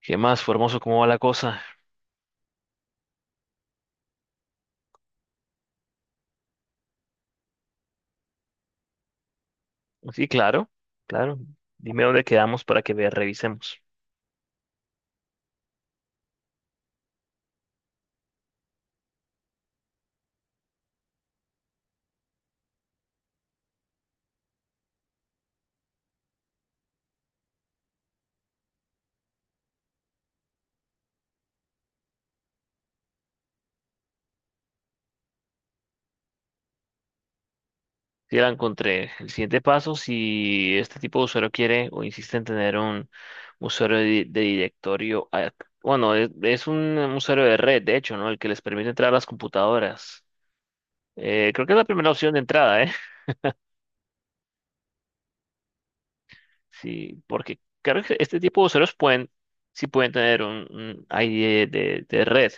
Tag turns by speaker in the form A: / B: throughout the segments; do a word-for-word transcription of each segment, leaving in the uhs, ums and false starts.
A: ¿Qué más, Formoso? ¿Cómo va la cosa? Sí, claro, claro. Dime dónde quedamos para que vea, revisemos. Sí, la encontré. El siguiente paso, si este tipo de usuario quiere o insiste en tener un usuario de, de directorio, ah, bueno, es, es un usuario de red, de hecho, ¿no? El que les permite entrar a las computadoras. Eh, creo que es la primera opción de entrada, ¿eh? Sí, porque creo que este tipo de usuarios pueden, sí pueden tener un, un I D de, de red.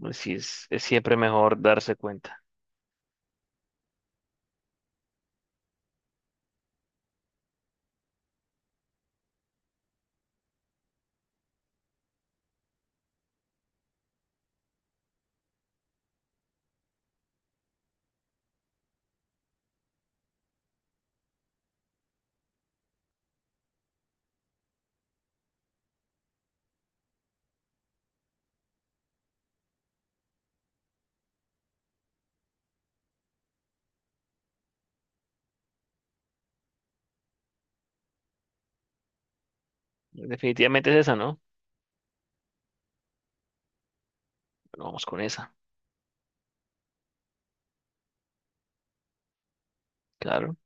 A: Pues sí, es es siempre mejor darse cuenta. Definitivamente es esa, ¿no? Bueno, vamos con esa, claro.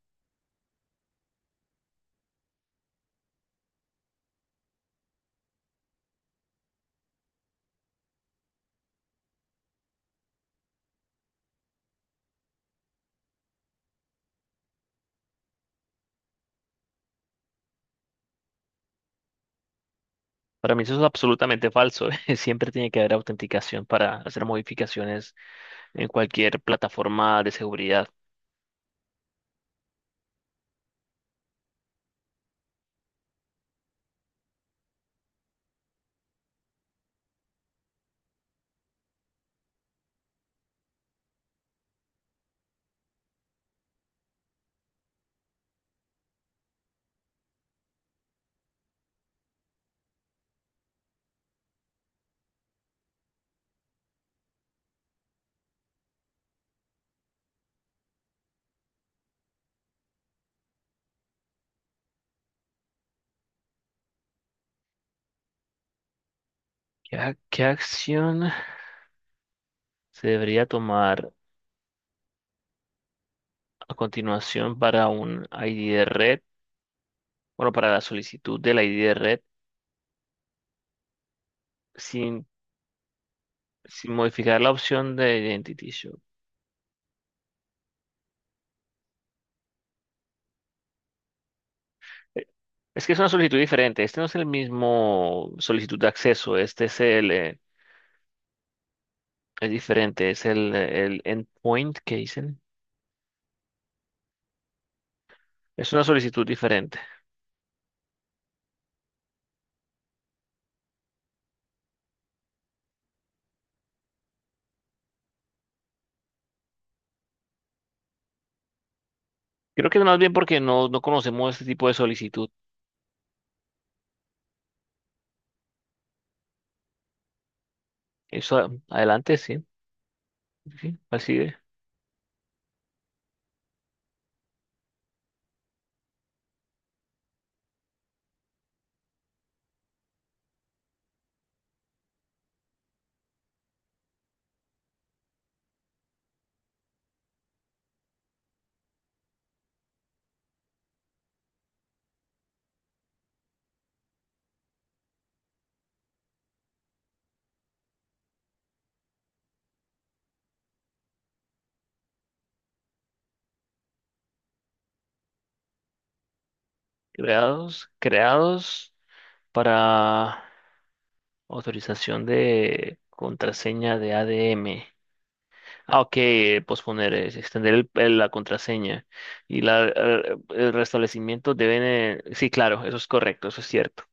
A: Para mí eso es absolutamente falso. Siempre tiene que haber autenticación para hacer modificaciones en cualquier plataforma de seguridad. ¿Qué, ac- qué acción se debería tomar a continuación para un I D de red? Bueno, para la solicitud del I D de red sin, sin modificar la opción de Identity Show. Eh, Es que es una solicitud diferente. Este no es el mismo solicitud de acceso. Este es el, eh, es diferente, es el, el endpoint que dicen. Es una solicitud diferente. Creo que más bien porque no, no conocemos este tipo de solicitud. Eso a- adelante, sí. Sí, así de creados, creados para autorización de contraseña de A D M. Ah, ok, eh, posponer es extender el- el- la contraseña y la, eh, el restablecimiento deben... eh, sí, claro, eso es correcto, eso es cierto.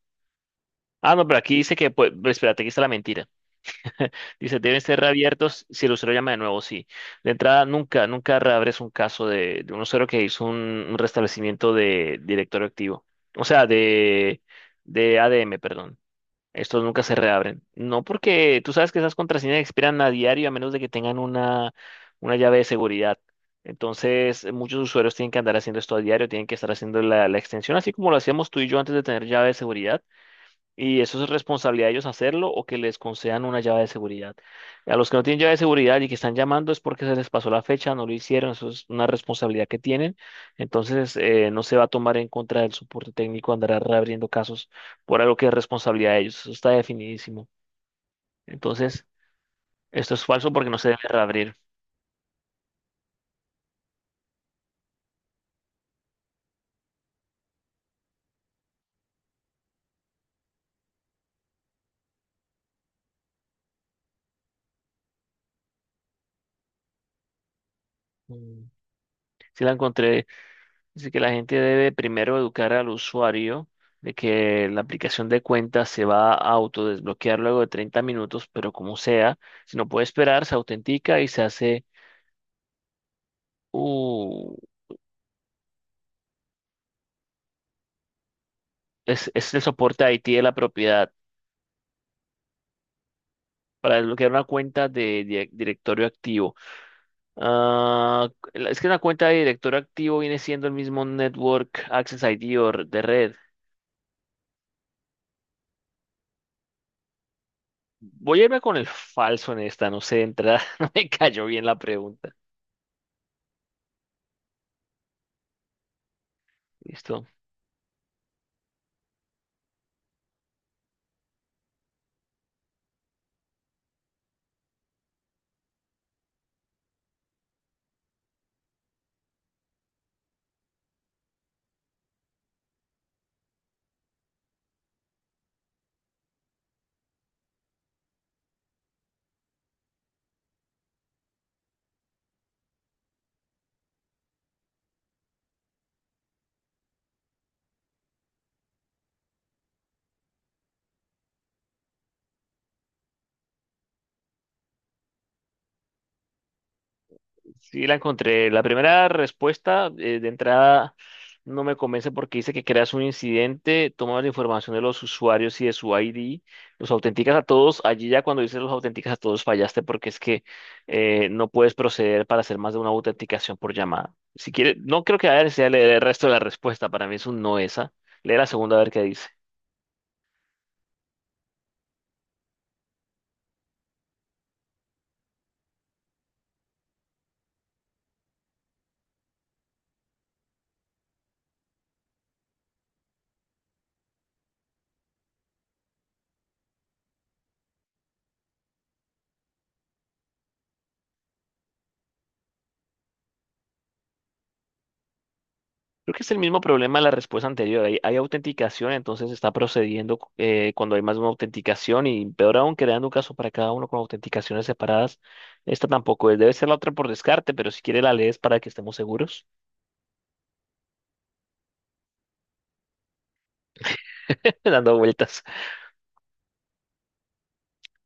A: Ah, no, pero aquí dice que, pues, espérate, aquí está la mentira. Dice, deben ser reabiertos si el usuario llama de nuevo, sí. De entrada, nunca, nunca reabres un caso de, de un usuario que hizo un, un restablecimiento de directorio activo. O sea, de, de A D M, perdón. Estos nunca se reabren. No porque tú sabes que esas contraseñas expiran a diario a menos de que tengan una, una llave de seguridad. Entonces, muchos usuarios tienen que andar haciendo esto a diario, tienen que estar haciendo la, la extensión, así como lo hacíamos tú y yo antes de tener llave de seguridad. Y eso es responsabilidad de ellos hacerlo o que les concedan una llave de seguridad. A los que no tienen llave de seguridad y que están llamando es porque se les pasó la fecha, no lo hicieron, eso es una responsabilidad que tienen. Entonces, eh, no se va a tomar en contra del soporte técnico andar reabriendo casos por algo que es responsabilidad de ellos. Eso está definidísimo. Entonces, esto es falso porque no se debe reabrir. Mm, sí, la encontré. Así que la gente debe primero educar al usuario de que la aplicación de cuenta se va a autodesbloquear luego de treinta minutos, pero como sea, si no puede esperar, se autentica y se hace, uh, es, es el soporte I T de la propiedad para desbloquear una cuenta de, di- directorio activo. Ah, la- es que una cuenta de directorio activo viene siendo el mismo Network Access I D o de red. Voy a irme con el falso en esta, no sé, de entrada, no me cayó bien la pregunta. Listo. Sí, la encontré. La primera respuesta eh, de entrada no me convence porque dice que creas un incidente, tomas la información de los usuarios y de su I D, los autenticas a todos. Allí ya cuando dices los autenticas a todos fallaste porque es que eh, no puedes proceder para hacer más de una autenticación por llamada. Si quieres, no creo que haya necesidad de leer el resto de la respuesta. Para mí es un no esa. Lee la segunda a ver qué dice. Creo que es el mismo problema de la respuesta anterior. Hay, hay autenticación, entonces está procediendo eh, cuando hay más de una autenticación y peor aún creando un caso para cada uno con autenticaciones separadas. Esta tampoco es. Debe ser la otra por descarte, pero si quiere la lees para que estemos seguros, dando vueltas.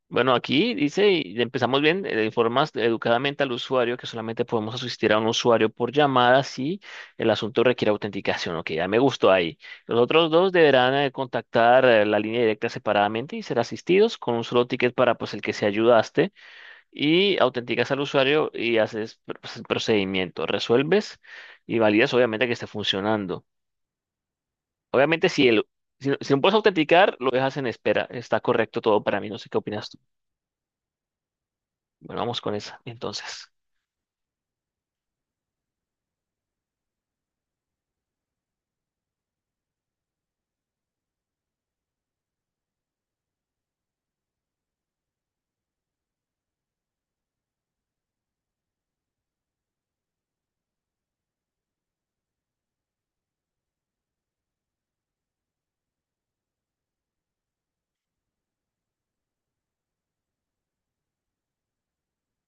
A: Bueno, aquí dice, y empezamos bien, eh, informas educadamente al usuario que solamente podemos asistir a un usuario por llamada si el asunto requiere autenticación. Ok, ya me gustó ahí. Los otros dos deberán eh, contactar eh, la línea directa separadamente y ser asistidos con un solo ticket para pues el que se ayudaste y autenticas al usuario y haces pr- pues, el procedimiento. Resuelves y validas obviamente que esté funcionando. Obviamente si el... Si, no, si no puedes autenticar, lo dejas en espera. Está correcto todo para mí. No sé qué opinas tú. Bueno, vamos con esa, entonces.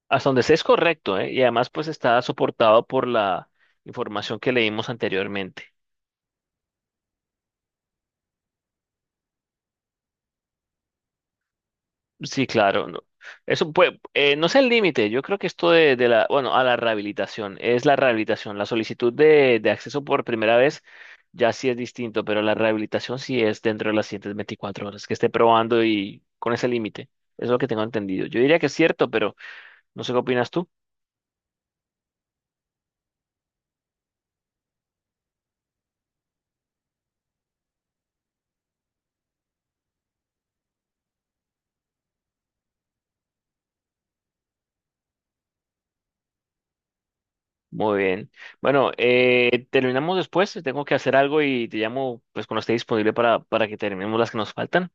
A: Hasta donde sé es correcto, ¿eh? Y además, pues está soportado por la información que leímos anteriormente. Sí, claro, no. Eso puede, eh, no es el límite. Yo creo que esto de, de la, bueno, a la rehabilitación, es la rehabilitación. La solicitud de, de acceso por primera vez ya sí es distinto, pero la rehabilitación sí es dentro de las siguientes veinticuatro horas, que esté probando y con ese límite. Es lo que tengo entendido. Yo diría que es cierto, pero no sé qué opinas tú. Muy bien. Bueno, eh, terminamos después. eh, Tengo que hacer algo y te llamo pues cuando esté disponible para, para que terminemos las que nos faltan.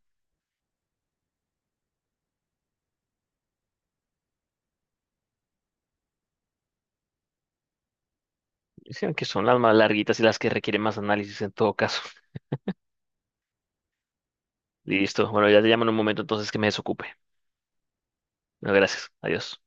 A: Sí, que son las más larguitas y las que requieren más análisis en todo caso. Listo. Bueno, ya te llamo en un momento entonces que me desocupe. Bueno, gracias. Adiós.